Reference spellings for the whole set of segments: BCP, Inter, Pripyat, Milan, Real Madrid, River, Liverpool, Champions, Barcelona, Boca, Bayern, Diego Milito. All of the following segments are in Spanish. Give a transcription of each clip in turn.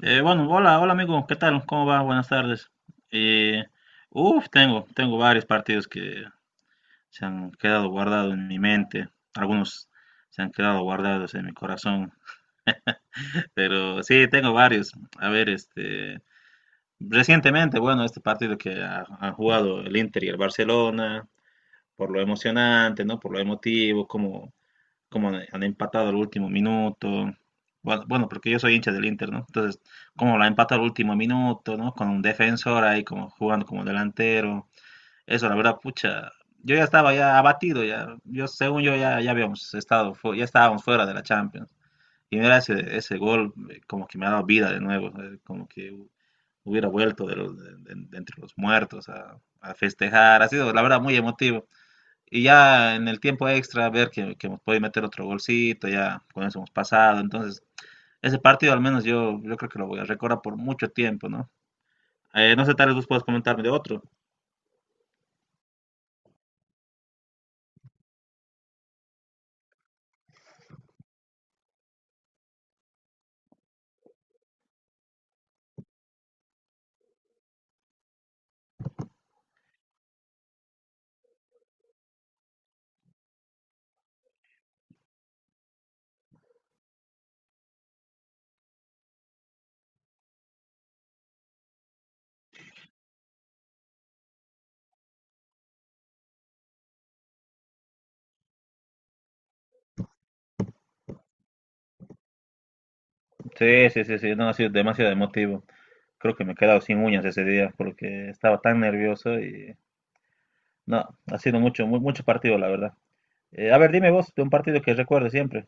Bueno, hola, hola amigo, ¿qué tal? ¿Cómo va? Buenas tardes. Eh, tengo varios partidos que se han quedado guardados en mi mente, algunos se han quedado guardados en mi corazón, pero sí, tengo varios. A ver, recientemente, bueno, este partido que han jugado el Inter y el Barcelona, por lo emocionante, ¿no? Por lo emotivo, cómo como han empatado al último minuto. Bueno, bueno, porque yo soy hincha del Inter, ¿no? Entonces, como la empata al último minuto, ¿no? Con un defensor ahí como jugando como delantero. Eso, la verdad, pucha, yo ya estaba ya abatido, ya, yo según yo ya, ya habíamos estado, ya estábamos fuera de la Champions. Y mira ese, ese gol, como que me ha dado vida de nuevo, como que hubiera vuelto de, de entre los muertos a festejar. Ha sido, la verdad, muy emotivo. Y ya en el tiempo extra, ver que nos puede meter otro golcito, ya con eso hemos pasado. Entonces, ese partido al menos yo, yo creo que lo voy a recordar por mucho tiempo, ¿no? No sé, tal vez vos puedas comentarme de otro. Sí, sí, sí, sí, no ha sido demasiado emotivo. Creo que me he quedado sin uñas ese día porque estaba tan nervioso y no, ha sido mucho, mucho partido, la verdad. A ver, dime vos de un partido que recuerdes siempre.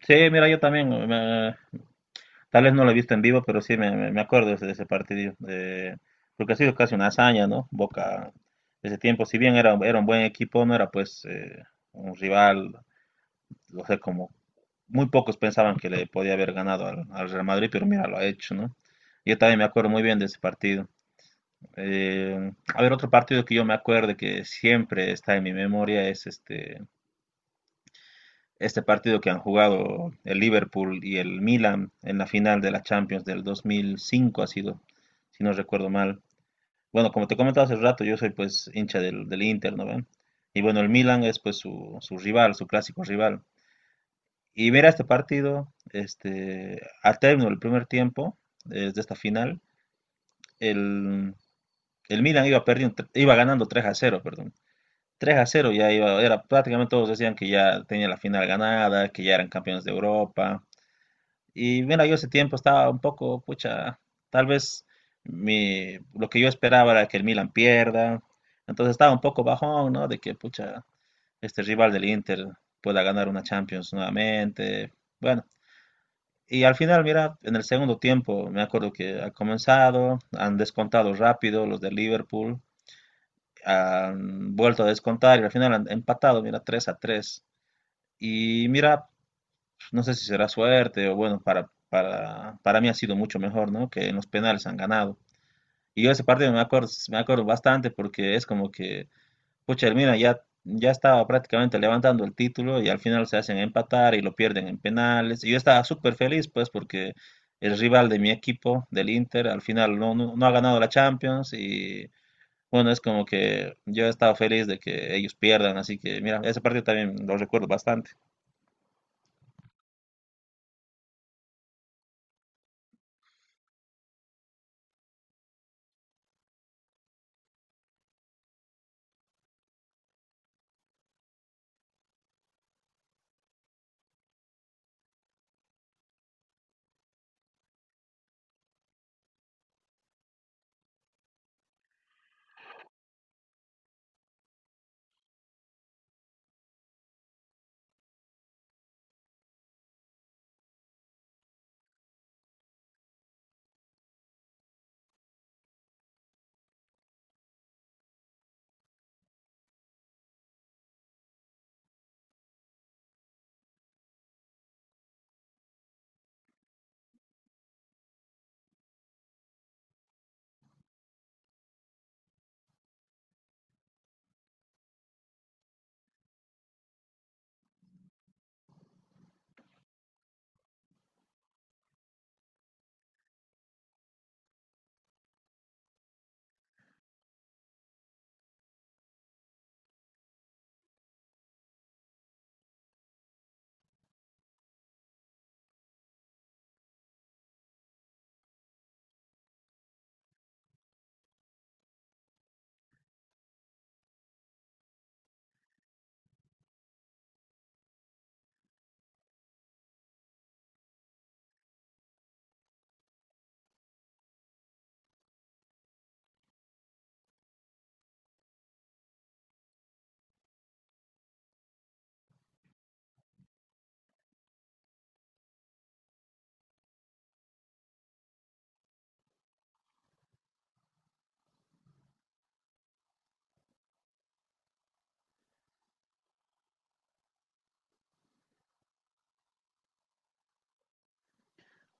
Sí, mira, yo también tal vez no lo he visto en vivo, pero sí me, me acuerdo de ese partido. Porque ha sido casi una hazaña, ¿no? Boca, ese tiempo, si bien era, era un buen equipo, no era pues un rival, o sea, como muy pocos pensaban que le podía haber ganado al, al Real Madrid, pero mira, lo ha hecho, ¿no? Yo también me acuerdo muy bien de ese partido. A ver, otro partido que yo me acuerdo que siempre está en mi memoria es este partido que han jugado el Liverpool y el Milan en la final de la Champions del 2005 ha sido, si no recuerdo mal. Bueno, como te comentaba hace rato, yo soy pues hincha del, del Inter, ¿no ven? Y bueno, el Milan es pues su rival, su clásico rival. Y ver a este partido, este, al término del primer tiempo, de esta final, el, el Milan iba perdiendo, iba ganando 3 a cero, perdón. Tres a cero ya iba, era prácticamente, todos decían que ya tenía la final ganada, que ya eran campeones de Europa. Y mira, yo ese tiempo estaba un poco, pucha, tal vez mi, lo que yo esperaba era que el Milan pierda. Entonces estaba un poco bajón, ¿no? De que, pucha, este rival del Inter pueda ganar una Champions nuevamente. Bueno, y al final, mira, en el segundo tiempo, me acuerdo que ha comenzado, han descontado rápido los de Liverpool, han vuelto a descontar y al final han empatado, mira, 3 a tres. Y mira, no sé si será suerte o bueno, para mí ha sido mucho mejor, ¿no? Que en los penales han ganado. Y yo ese partido me acuerdo bastante porque es como que, pucha, el Milan ya, ya estaba prácticamente levantando el título y al final se hacen empatar y lo pierden en penales. Y yo estaba súper feliz, pues, porque el rival de mi equipo, del Inter, al final no, no, no ha ganado la Champions y bueno, es como que yo he estado feliz de que ellos pierdan, así que mira, ese partido también lo recuerdo bastante.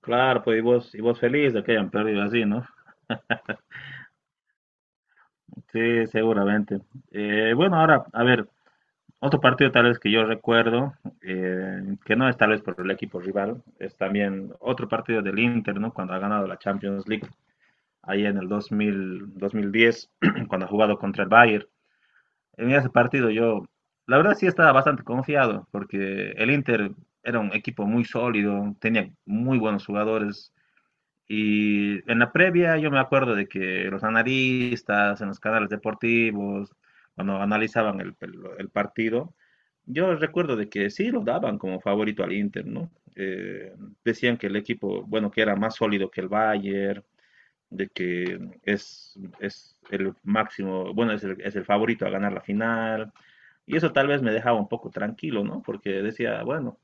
Claro, pues y vos feliz de que hayan perdido así, ¿no? Sí, seguramente. Bueno, ahora, a ver, otro partido tal vez que yo recuerdo, que no es tal vez por el equipo rival, es también otro partido del Inter, ¿no? Cuando ha ganado la Champions League, ahí en el 2000, 2010, cuando ha jugado contra el Bayern. En ese partido yo, la verdad sí estaba bastante confiado, porque el Inter era un equipo muy sólido, tenía muy buenos jugadores. Y en la previa yo me acuerdo de que los analistas en los canales deportivos, cuando analizaban el partido, yo recuerdo de que sí lo daban como favorito al Inter, ¿no? Decían que el equipo, bueno, que era más sólido que el Bayern, de que es el máximo, bueno, es el favorito a ganar la final. Y eso tal vez me dejaba un poco tranquilo, ¿no? Porque decía, bueno,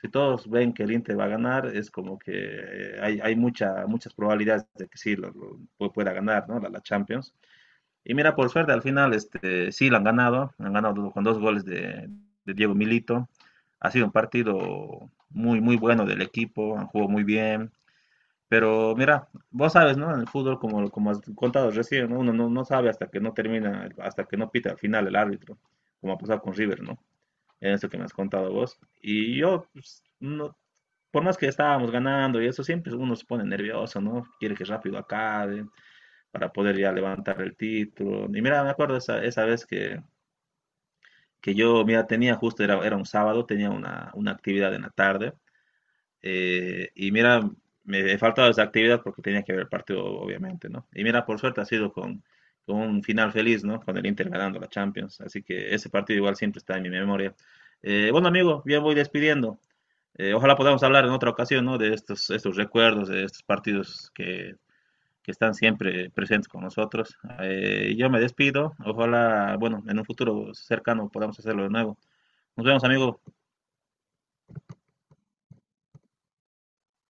si todos ven que el Inter va a ganar, es como que hay, hay mucha, muchas probabilidades de que sí lo, pueda ganar, ¿no? La, la Champions. Y mira, por suerte al final este, sí la han ganado con dos goles de Diego Milito. Ha sido un partido muy, muy bueno del equipo, han jugado muy bien, pero mira, vos sabes, ¿no? En el fútbol, como, como has contado recién, ¿no? Uno no, no sabe hasta que no termina, hasta que no pita al final el árbitro, como ha pasado con River, ¿no? En eso que me has contado vos. Y yo, pues, no, por más que estábamos ganando y eso, siempre uno se pone nervioso, ¿no? Quiere que rápido acabe para poder ya levantar el título. Y mira, me acuerdo esa, esa vez que yo, mira, tenía justo, era, era un sábado, tenía una actividad en la tarde, y mira, me he faltado esa actividad porque tenía que ver partido, obviamente, ¿no? Y mira, por suerte ha sido con un final feliz, ¿no? Con el Inter ganando la Champions. Así que ese partido igual siempre está en mi memoria. Bueno, amigo, ya voy despidiendo. Ojalá podamos hablar en otra ocasión, ¿no? De estos, estos recuerdos, de estos partidos que están siempre presentes con nosotros. Yo me despido. Ojalá, bueno, en un futuro cercano podamos hacerlo de nuevo. Nos vemos, amigo.